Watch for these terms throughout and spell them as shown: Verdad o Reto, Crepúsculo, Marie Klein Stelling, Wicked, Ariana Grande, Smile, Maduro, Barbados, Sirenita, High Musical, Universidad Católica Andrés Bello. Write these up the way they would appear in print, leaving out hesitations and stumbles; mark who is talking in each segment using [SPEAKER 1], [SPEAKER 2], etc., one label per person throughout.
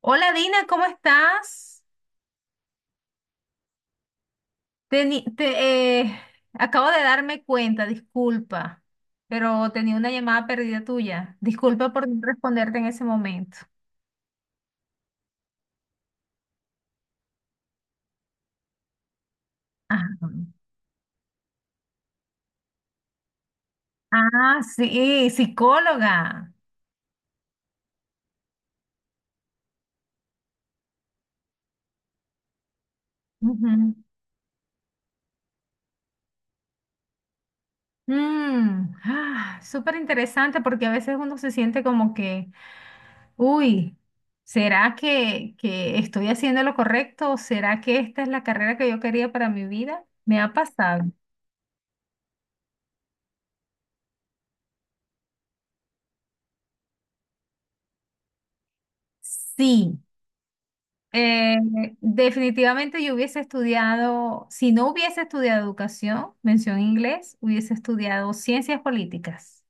[SPEAKER 1] Hola Dina, ¿cómo estás? Teni- te, eh, Acabo de darme cuenta, disculpa, pero tenía una llamada perdida tuya. Disculpa por no responderte en ese momento. Ajá. Ah, sí, psicóloga. Ujú. Súper interesante porque a veces uno se siente como que, uy, ¿será que estoy haciendo lo correcto? ¿Será que esta es la carrera que yo quería para mi vida? Me ha pasado. Sí. Eh, Definitivamente yo hubiese estudiado, si no hubiese estudiado educación, mención inglés, hubiese estudiado ciencias políticas.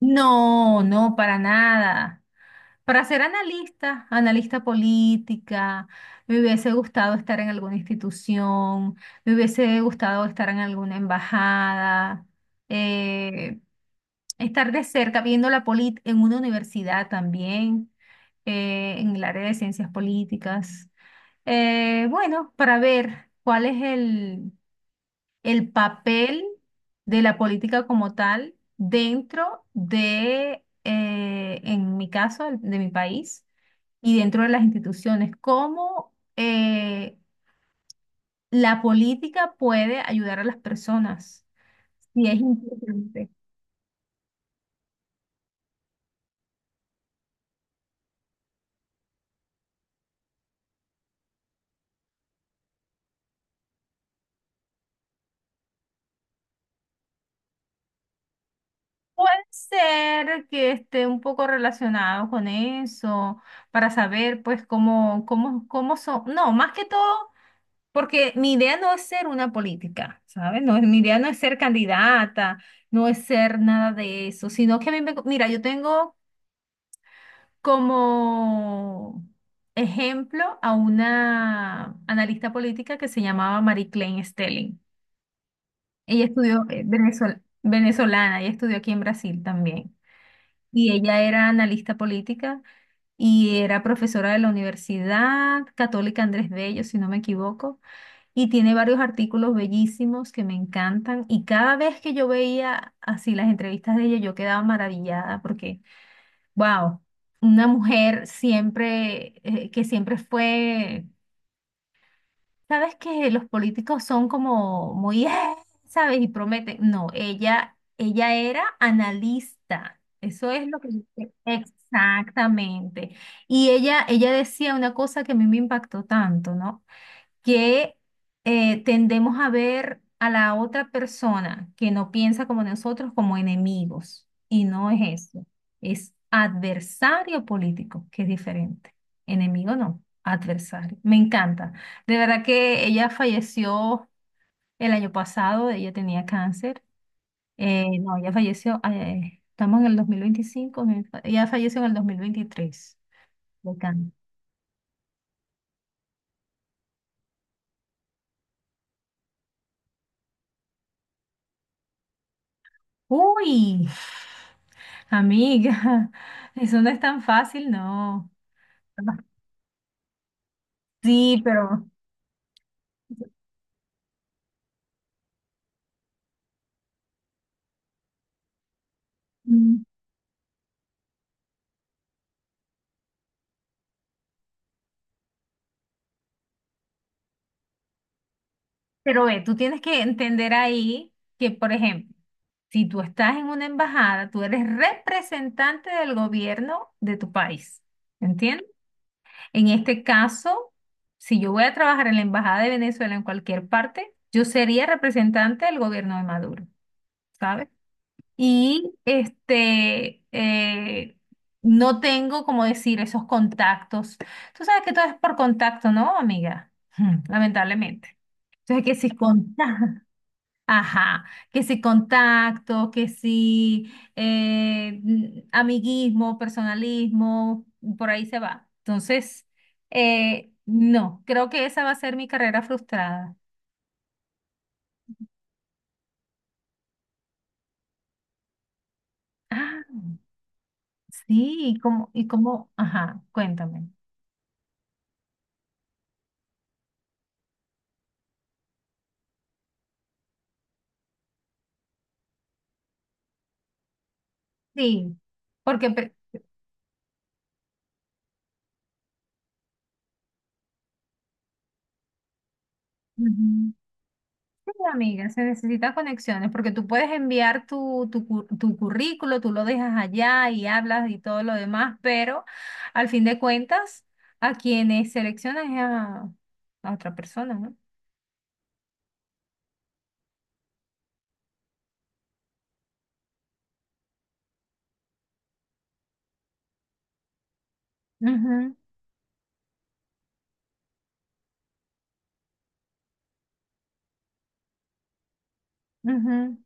[SPEAKER 1] No, no, para nada. Para ser analista, analista política, me hubiese gustado estar en alguna institución, me hubiese gustado estar en alguna embajada. Eh, Estar de cerca viendo la polit en una universidad también, en el área de ciencias políticas. Bueno, para ver cuál es el papel de la política como tal dentro de, en mi caso, de mi país y dentro de las instituciones, cómo la política puede ayudar a las personas. Sí, es importante. Puede ser que esté un poco relacionado con eso, para saber pues cómo son, no, más que todo, porque mi idea no es ser una política, ¿sabes? No, mi idea no es ser candidata, no es ser nada de eso, sino que a mí me, mira, yo tengo como ejemplo a una analista política que se llamaba Marie Klein Stelling. Ella estudió venezolana, ella estudió aquí en Brasil también. Y ella era analista política y era profesora de la Universidad Católica Andrés Bello, si no me equivoco, y tiene varios artículos bellísimos que me encantan. Y cada vez que yo veía así las entrevistas de ella, yo quedaba maravillada porque, wow, una mujer siempre, que siempre fue. Sabes que los políticos son como muy, ¿sabes? Y prometen. No, ella era analista. Eso es lo que dice. Exactamente. Y ella decía una cosa que a mí me impactó tanto, ¿no? Que tendemos a ver a la otra persona que no piensa como nosotros como enemigos. Y no es eso. Es adversario político, que es diferente. Enemigo no, adversario. Me encanta. De verdad que ella falleció el año pasado, ella tenía cáncer. No, ella falleció, estamos en el 2025, ella falleció en el 2023. Uy, amiga, eso no es tan fácil, no. Sí, pero, mm, pero ve, tú tienes que entender ahí que, por ejemplo, si tú estás en una embajada, tú eres representante del gobierno de tu país, ¿entiendes? En este caso, si yo voy a trabajar en la embajada de Venezuela en cualquier parte, yo sería representante del gobierno de Maduro, ¿sabes? Y este, no tengo, como decir, esos contactos. Tú sabes que todo es por contacto, ¿no, amiga? Hmm, lamentablemente. Entonces, que si contacto, ajá, que si contacto, que si amiguismo, personalismo, por ahí se va. Entonces, no, creo que esa va a ser mi carrera frustrada. Ah, sí, y como, ajá, cuéntame. Sí, porque pre- Ujú. Sí, amiga, se necesitan conexiones porque tú puedes enviar tu currículo, tú lo dejas allá y hablas y todo lo demás, pero al fin de cuentas, a quienes seleccionan es a otra persona, no. Ujú, ujú.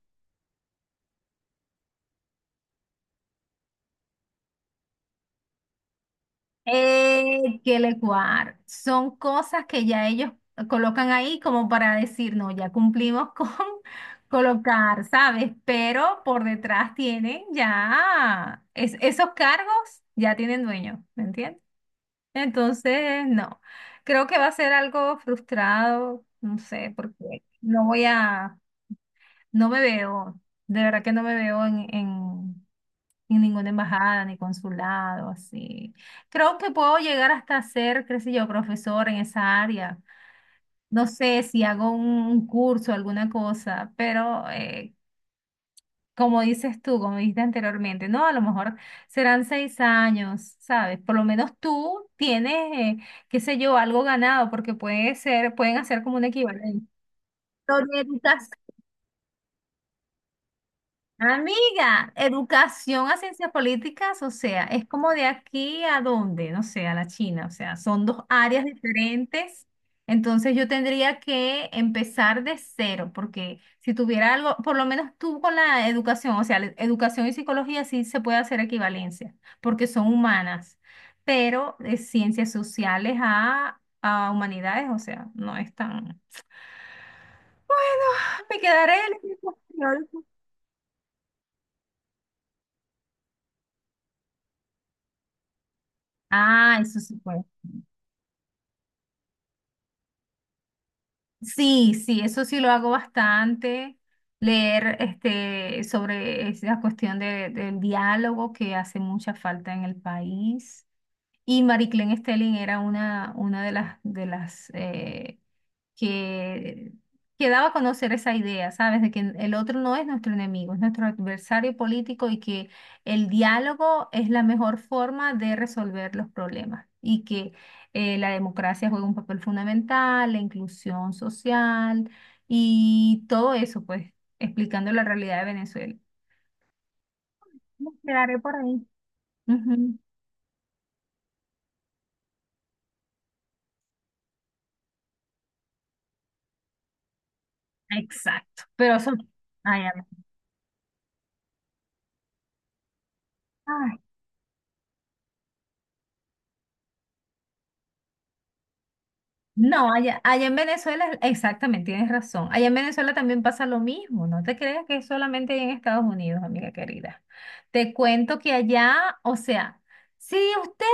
[SPEAKER 1] Que le cuar. Son cosas que ya ellos colocan ahí como para decir, no, ya cumplimos con colocar, ¿sabes? Pero por detrás tienen ya, esos cargos ya tienen dueño, ¿me entiendes? Entonces, no, creo que va a ser algo frustrado, no sé, porque no voy a, no me veo, de verdad que no me veo en ninguna embajada ni consulado, así. Creo que puedo llegar hasta ser, qué sé yo, profesor en esa área. No sé si hago un curso, alguna cosa, pero como dices tú, como dijiste anteriormente, no, a lo mejor serán 6 años, ¿sabes? Por lo menos tú tienes, qué sé yo, algo ganado, porque puede ser, pueden hacer como un equivalente. Historietas. Amiga, educación a ciencias políticas, o sea, es como de aquí a dónde, no sé, a la China, o sea, son dos áreas diferentes. Entonces yo tendría que empezar de cero, porque si tuviera algo, por lo menos tú con la educación, o sea, la educación y psicología sí se puede hacer equivalencia, porque son humanas, pero de ciencias sociales a humanidades, o sea, no es tan... Bueno, me quedaré en el equipo. Ah, eso sí. Sí, sí, eso sí lo hago bastante. Leer este, sobre esa cuestión del diálogo que hace mucha falta en el país. Y Marie Claire Stelling era una de las que, que daba a conocer esa idea, ¿sabes? De que el otro no es nuestro enemigo, es nuestro adversario político y que el diálogo es la mejor forma de resolver los problemas y que la democracia juega un papel fundamental, la inclusión social y todo eso, pues, explicando la realidad de Venezuela. Me quedaré por ahí. Ujú. Exacto. Pero eso... Ay, amén. No, allá en Venezuela, exactamente, tienes razón. Allá en Venezuela también pasa lo mismo. No te creas que es solamente allá en Estados Unidos, amiga querida. Te cuento que allá, o sea, sí, usted,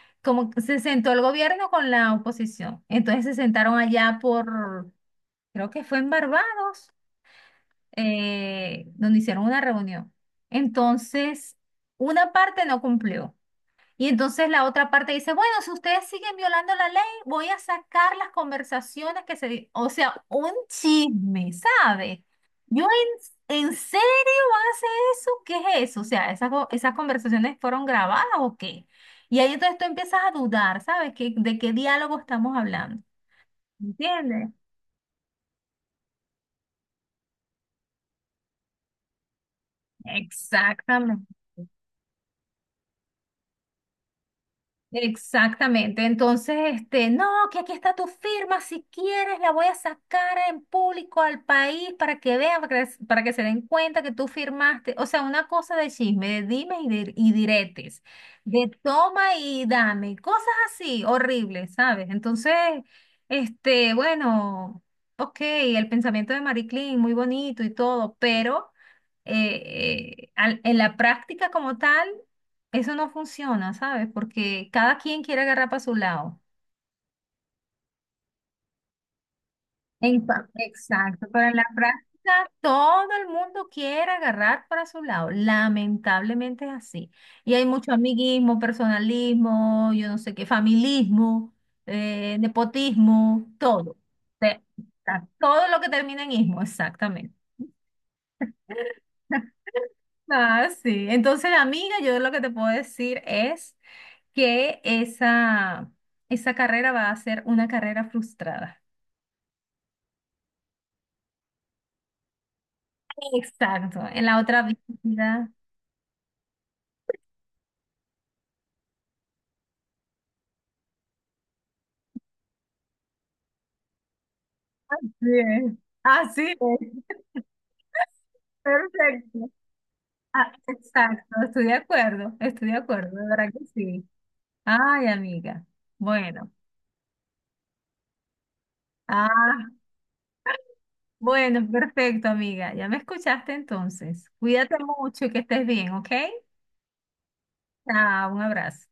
[SPEAKER 1] como que se sentó el gobierno con la oposición. Entonces se sentaron allá por, creo que fue en Barbados, donde hicieron una reunión. Entonces, una parte no cumplió. Y entonces la otra parte dice, bueno, si ustedes siguen violando la ley, voy a sacar las conversaciones que se... di-". O sea, un chisme, ¿sabes? Yo ¿en serio hace eso? ¿Qué es eso? O sea, ¿esas, esas conversaciones fueron grabadas o qué? Y ahí entonces tú empiezas a dudar, ¿sabes? De qué diálogo estamos hablando? ¿Entiendes? Exactamente. Exactamente. Entonces, este, no, que aquí está tu firma, si quieres la voy a sacar en público al país para que vean, para que se den cuenta que tú firmaste. O sea, una cosa de chisme, de dime y, dir- y diretes, de toma y dame, cosas así, horribles, ¿sabes? Entonces, este, bueno, ok, el pensamiento de Marie Claire, muy bonito y todo, pero en la práctica como tal, eso no funciona, ¿sabes? Porque cada quien quiere agarrar para su lado. En pa- Exacto, pero en la práctica todo el mundo quiere agarrar para su lado. Lamentablemente es así. Y hay mucho amiguismo, personalismo, yo no sé qué, familismo, nepotismo, todo. Te- Todo lo que termina en ismo, exactamente. Ah, sí. Entonces, amiga, yo lo que te puedo decir es que esa carrera va a ser una carrera frustrada. Exacto, en la otra vida. Bien. Así es, perfecto. Ah, exacto, estoy de acuerdo, de verdad que sí. Ay, amiga. Bueno, ah, bueno, perfecto, amiga. Ya me escuchaste entonces. Cuídate mucho y que estés bien, ¿ok? Chao, un abrazo.